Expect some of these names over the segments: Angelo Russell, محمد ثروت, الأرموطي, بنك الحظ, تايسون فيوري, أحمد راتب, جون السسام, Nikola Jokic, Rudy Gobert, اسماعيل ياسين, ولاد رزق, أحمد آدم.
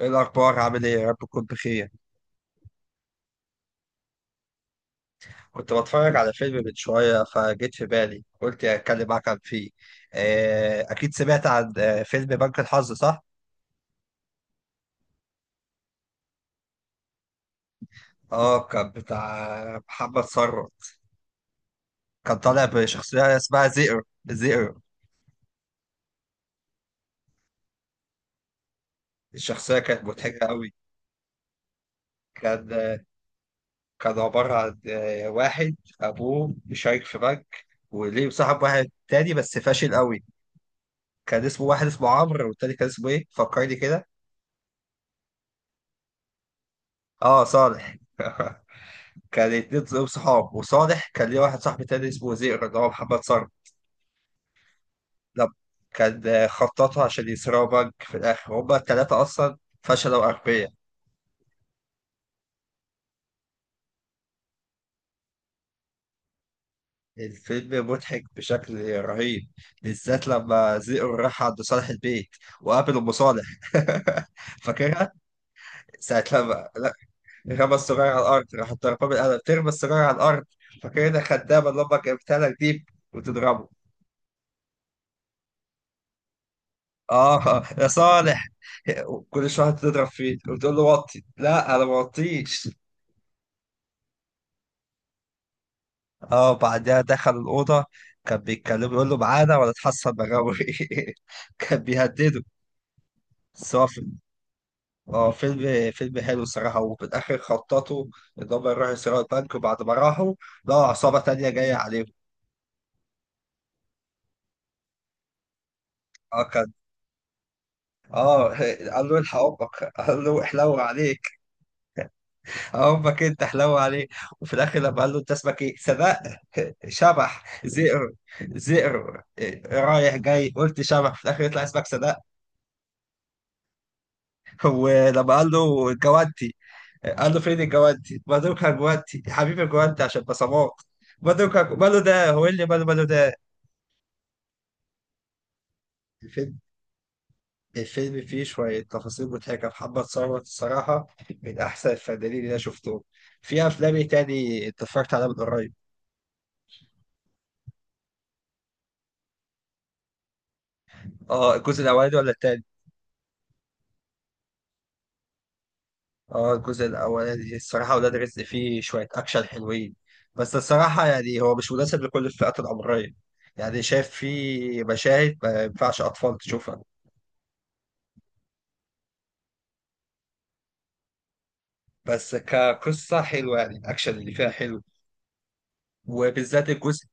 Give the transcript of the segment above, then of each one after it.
ايه الاخبار، عامل ايه؟ يا رب تكون بخير. كنت بتفرج على فيلم من شويه فجيت في بالي قلت اتكلم معاك عن فيه. اكيد سمعت عن فيلم بنك الحظ صح؟ اه كان بتاع محمد ثروت. كان طالع بشخصيه اسمها زئر. الشخصيه كانت مضحكه قوي. كان آه، كان عباره عن واحد ابوه بيشارك في بنك وليه صاحب واحد تاني بس فاشل قوي. كان اسمه واحد اسمه عمرو، والتاني كان اسمه ايه؟ فكرني كده. اه صالح كان اتنين دول صحاب، وصالح كان ليه واحد صاحب تاني اسمه زئر اللي هو محمد صالح. لا، كان خططوا عشان يسرقوا بنك في الآخر هما التلاتة أصلا، فشلوا أغبياء. الفيلم مضحك بشكل رهيب، بالذات لما زئر راح عند صالح البيت وقابل أم صالح فاكرها؟ ساعة لما لا، رمى السجارة على الأرض راح ضربها بالقلم، ترمى السجارة على الأرض. فاكرها خدامة اللي أمك جابتها لك دي؟ وتضربه. اه يا صالح. كل شويه تضرب فيه وتقول له وطي، لا انا ما وطيش. اه بعدها دخل الاوضه، كان بيتكلم يقول له معانا ولا تحصل بغاوي كان بيهدده. بس هو فيلم. فيلم حلو الصراحه. وفي الاخر خططوا ان هم يروحوا يسرقوا البنك، وبعد ما راحوا لقوا عصابه تانيه جايه عليهم. اه كان. اه قال له الحق امك، قال له احلو عليه. امك انت حلوة عليه. وفي الاخر لما قال له انت اسمك ايه سبق شبح زئر. زئر رايح جاي قلت شبح، في الاخر يطلع اسمك سبق. ولما قال له جوانتي، قال له فين الجوانتي بدوكها، جوانتي يا حبيبي جوانتي عشان بصمات. بدوكها ماله ده، هو إيه اللي ماله؟ ماله ده. الفيلم الفيلم فيه شوية تفاصيل مضحكة. محمد ثروت الصراحة من أحسن الفنانين اللي أنا شفتهم. في أفلام إيه تاني أنت اتفرجت عليها من قريب؟ اه الجزء الأولاني ولا التاني؟ اه الجزء الاولاني الصراحه. ولاد رزق فيه شويه اكشن حلوين، بس الصراحه يعني هو مش مناسب لكل الفئات العمريه. يعني شايف فيه مشاهد ما ينفعش اطفال تشوفها. بس كقصه حلوه، يعني الاكشن اللي فيها حلو. وبالذات الجزء.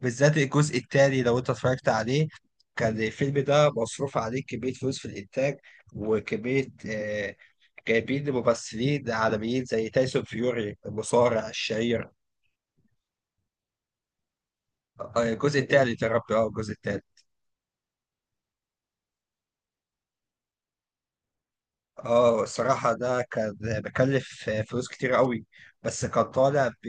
بالذات الجزء الثاني لو انت اتفرجت عليه، كان الفيلم ده مصروف عليه كميه فلوس في الانتاج، وكميه جايبين ممثلين عالميين زي تايسون فيوري المصارع الشهير. الجزء الثالث، يا ربي اه الجزء الثالث. اه الصراحة ده كان بكلف فلوس كتير قوي. بس كان طالع ب...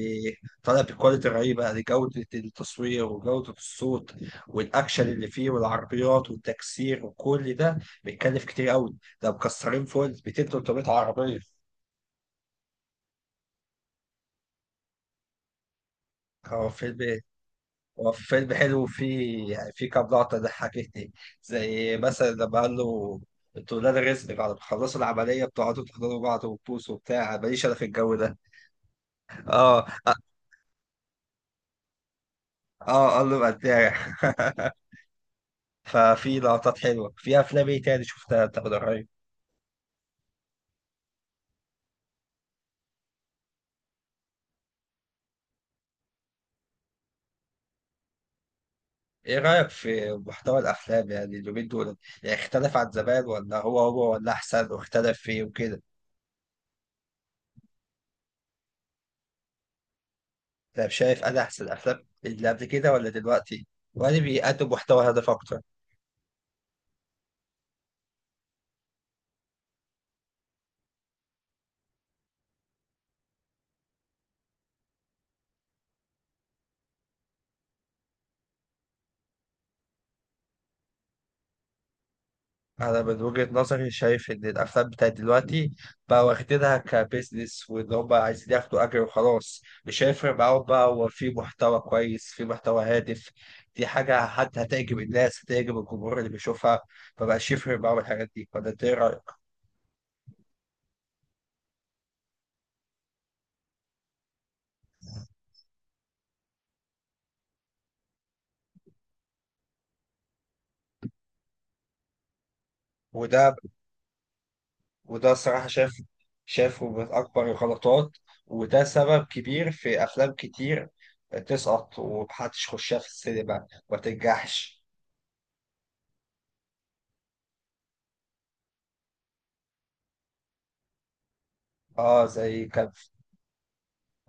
طالع بكواليتي رهيبة لجودة التصوير وجودة الصوت، والأكشن اللي فيه والعربيات والتكسير وكل ده بيتكلف كتير قوي. ده مكسرين فوق ال 200 300 عربية. هو فيلم. هو فيلم حلو وفيه يعني فيه كام لقطة ضحكتني. زي مثلا لما قال له انتوا ولاد رزق بعد ما تخلصوا العملية بتقعدوا تحضنوا بعض وتبوسوا وبتاع، ماليش أنا في الجو ده. اه. اه قال له بداع ففي لقطات حلوه. في افلام ايه تاني شفتها انت من قريب؟ ايه رايك في محتوى الافلام يعني اليومين دول؟ يعني اختلف عن زمان، ولا هو هو، ولا احسن واختلف فيه وكده؟ انت شايف انا احسن الافلام اللي قبل كده ولا دلوقتي؟ ولا بيقدم محتوى هدف اكتر؟ انا من وجهة نظري شايف ان الافلام بتاعت دلوقتي بقى واخدينها كبزنس، وان هم عايزين ياخدوا اجر وخلاص، مش هيفرق معاهم بقى هو في محتوى كويس في محتوى هادف. دي حاجة حتى هتعجب الناس، هتعجب الجمهور اللي بيشوفها. مبقاش يفرق معاهم الحاجات دي، ولا انت ايه رأيك؟ وده وده الصراحة شايف. شايفه من اكبر الغلطات. وده سبب كبير في افلام كتير تسقط ومحدش يخشها في السينما، ما تنجحش. اه زي كان.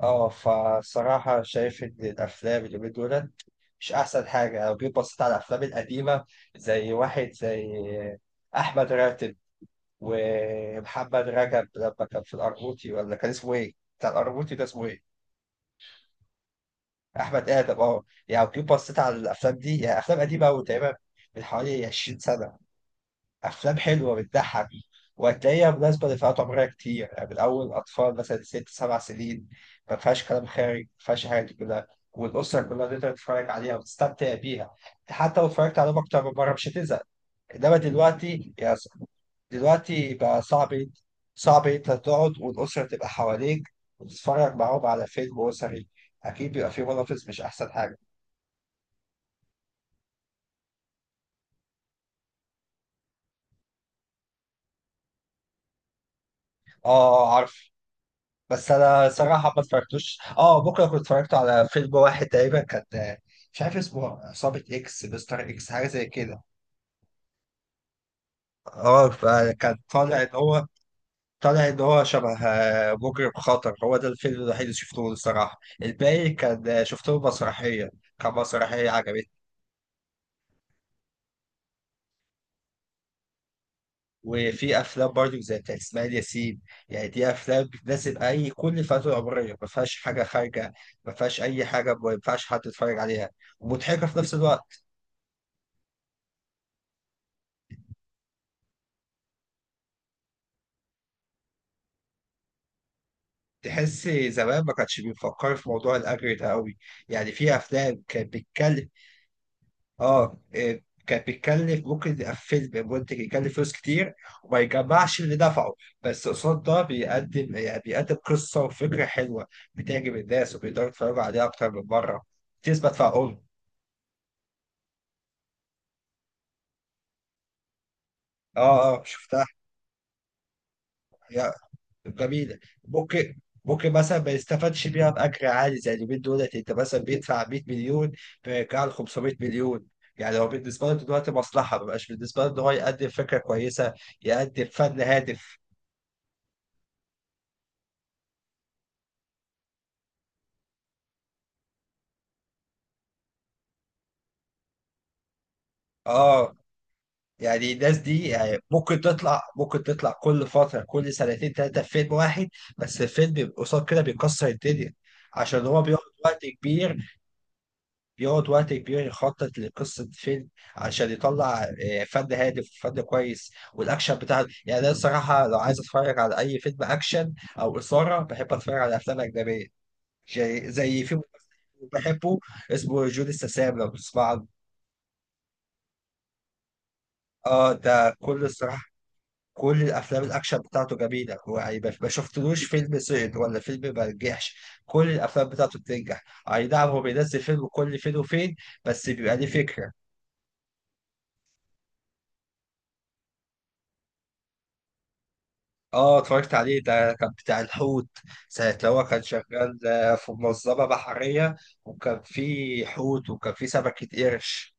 اه فصراحة شايف إن الأفلام اليومين دول مش أحسن حاجة. لو جيت بصيت على الأفلام القديمة، زي واحد زي أحمد راتب ومحمد رجب لما كان في الأرموطي، ولا كان اسمه إيه؟ بتاع الأرموطي ده اسمه إيه؟ أحمد آدم. أه يعني لو جيت بصيت على الأفلام دي، يعني أفلام قديمة أوي تقريبا من حوالي 20 سنة، افلام حلوه بتضحك، وهتلاقيها مناسبه لفئات عمريه كتير، يعني من اول اطفال مثلا 6 7 سنين. ما فيهاش كلام خارج، ما فيهاش الحاجات دي كلها. والاسره كلها تقدر تتفرج عليها وتستمتع بيها. حتى لو اتفرجت عليهم اكتر من مره مش هتزهق. انما دلوقتي يا س- دلوقتي بقى صعب. صعب انت تقعد والاسره تبقى حواليك وتتفرج معاهم على فيلم اسري، اكيد بيبقى فيه منافس مش احسن حاجه. اه عارف. بس انا صراحه ما اتفرجتوش. اه بكره كنت اتفرجت على فيلم واحد تقريبا كان، مش عارف اسمه، عصابه اكس مستر اكس حاجه زي كده. اه فكان طالع ان هو. طالع ان هو شبه مجرم خطر. هو ده الفيلم الوحيد اللي شفته الصراحه. الباقي كان شفته مسرحيه. كان مسرحيه عجبتني. وفي افلام برضو زي بتاعت اسماعيل ياسين. يعني دي افلام بتناسب اي كل فئه عمريه، ما فيهاش حاجه خارجه، ما فيهاش اي حاجه ما ينفعش حد يتفرج عليها، ومضحكه في نفس الوقت. تحس زمان ما كانش بيفكر في موضوع الأجر ده قوي. يعني في أفلام كانت بتتكلم، آه إيه، كانت بتتكلف. ممكن يبقى فيلم منتج يكلف فلوس كتير وما يجمعش اللي دفعه. بس قصاد ده بيقدم، يعني بيقدم قصة وفكرة حلوة بتعجب الناس، وبيقدروا يتفرجوا عليها أكتر من مرة، تثبت في عقولهم. آه آه شفتها. جميلة. ممكن. ممكن مثلا ما يستفادش بيها بأجر عالي زي اليومين دولت. أنت مثلا بيدفع 100 مليون فيرجع له 500 مليون. يعني هو بالنسبة له دلوقتي مصلحة، ما بقاش بالنسبة له إن هو يقدم فكرة كويسة، يقدم فن هادف. آه. يعني الناس دي يعني ممكن تطلع، ممكن تطلع كل فترة كل 2 3 في فيلم واحد. بس الفيلم قصاد كده بيكسر الدنيا، عشان هو بياخد وقت كبير. بيقعد وقت كبير يخطط لقصة فيلم عشان يطلع فن هادف فن كويس. والأكشن بتاعه، يعني أنا الصراحة لو عايز أتفرج على أي فيلم أكشن أو إثارة، بحب أتفرج على أفلام أجنبية. زي فيلم بحبه اسمه جون السسام لو تسمع عنه. اه ده كل الصراحة. كل الأفلام الأكشن بتاعته جميلة، هو يعني ما شفتلوش فيلم سقط ولا فيلم ما نجحش. كل الأفلام بتاعته بتنجح. أي نعم هو بينزل فيلم كل فين وفين، بس بيبقى ليه فكرة. اه اتفرجت عليه، ده كان بتاع الحوت. ساعة لو هو كان شغال في منظمة بحرية. وكان في حوت وكان في سمكة قرش.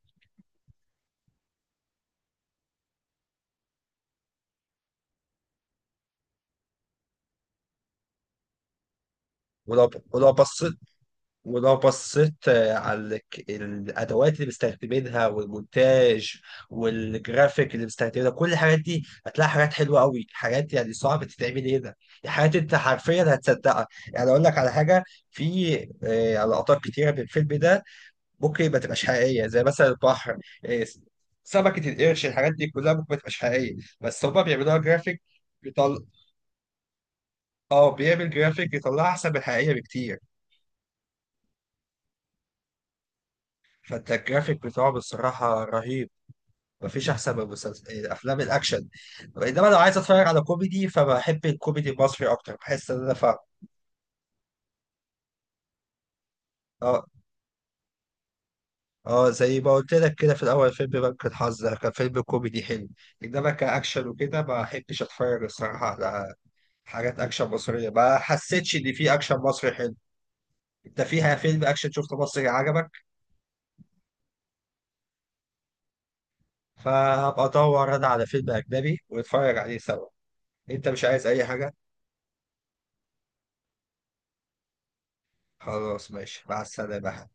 ولو ولو بصيت ولو بصيت على الأدوات اللي مستخدمينها والمونتاج والجرافيك اللي مستخدمينها. كل الحاجات دي هتلاقي حاجات حلوة قوي، حاجات يعني صعبة تتعمل هنا. حاجات أنت حرفيا هتصدقها. يعني أقول لك على حاجة، في لقطات كتيرة من الفيلم ده ممكن ما تبقاش حقيقيه. زي مثلا البحر، إيه، سمكه القرش، الحاجات دي كلها ممكن ما تبقاش حقيقيه، بس هما بيعملوها جرافيك. بيطل... اه بيعمل جرافيك يطلعها احسن من الحقيقيه بكتير. فانت الجرافيك بتاعه بصراحه رهيب. مفيش احسن من مسلسل... إيه، افلام الاكشن. انما لو عايز اتفرج على كوميدي فبحب الكوميدي المصري اكتر، بحس ان انا فاهم. اه. اه زي ما قلت لك كده في الاول، فيلم بنك الحظ ده كان فيلم كوميدي حلو. انما كاكشن وكده ما بحبش اتفرج الصراحه على حاجات اكشن مصريه. ما حسيتش ان في اكشن مصري حلو. انت فيها فيلم اكشن شفته مصري عجبك؟ فهبقى ادور انا على فيلم اجنبي ونتفرج عليه سوا. انت مش عايز اي حاجه؟ خلاص ماشي، مع السلامه.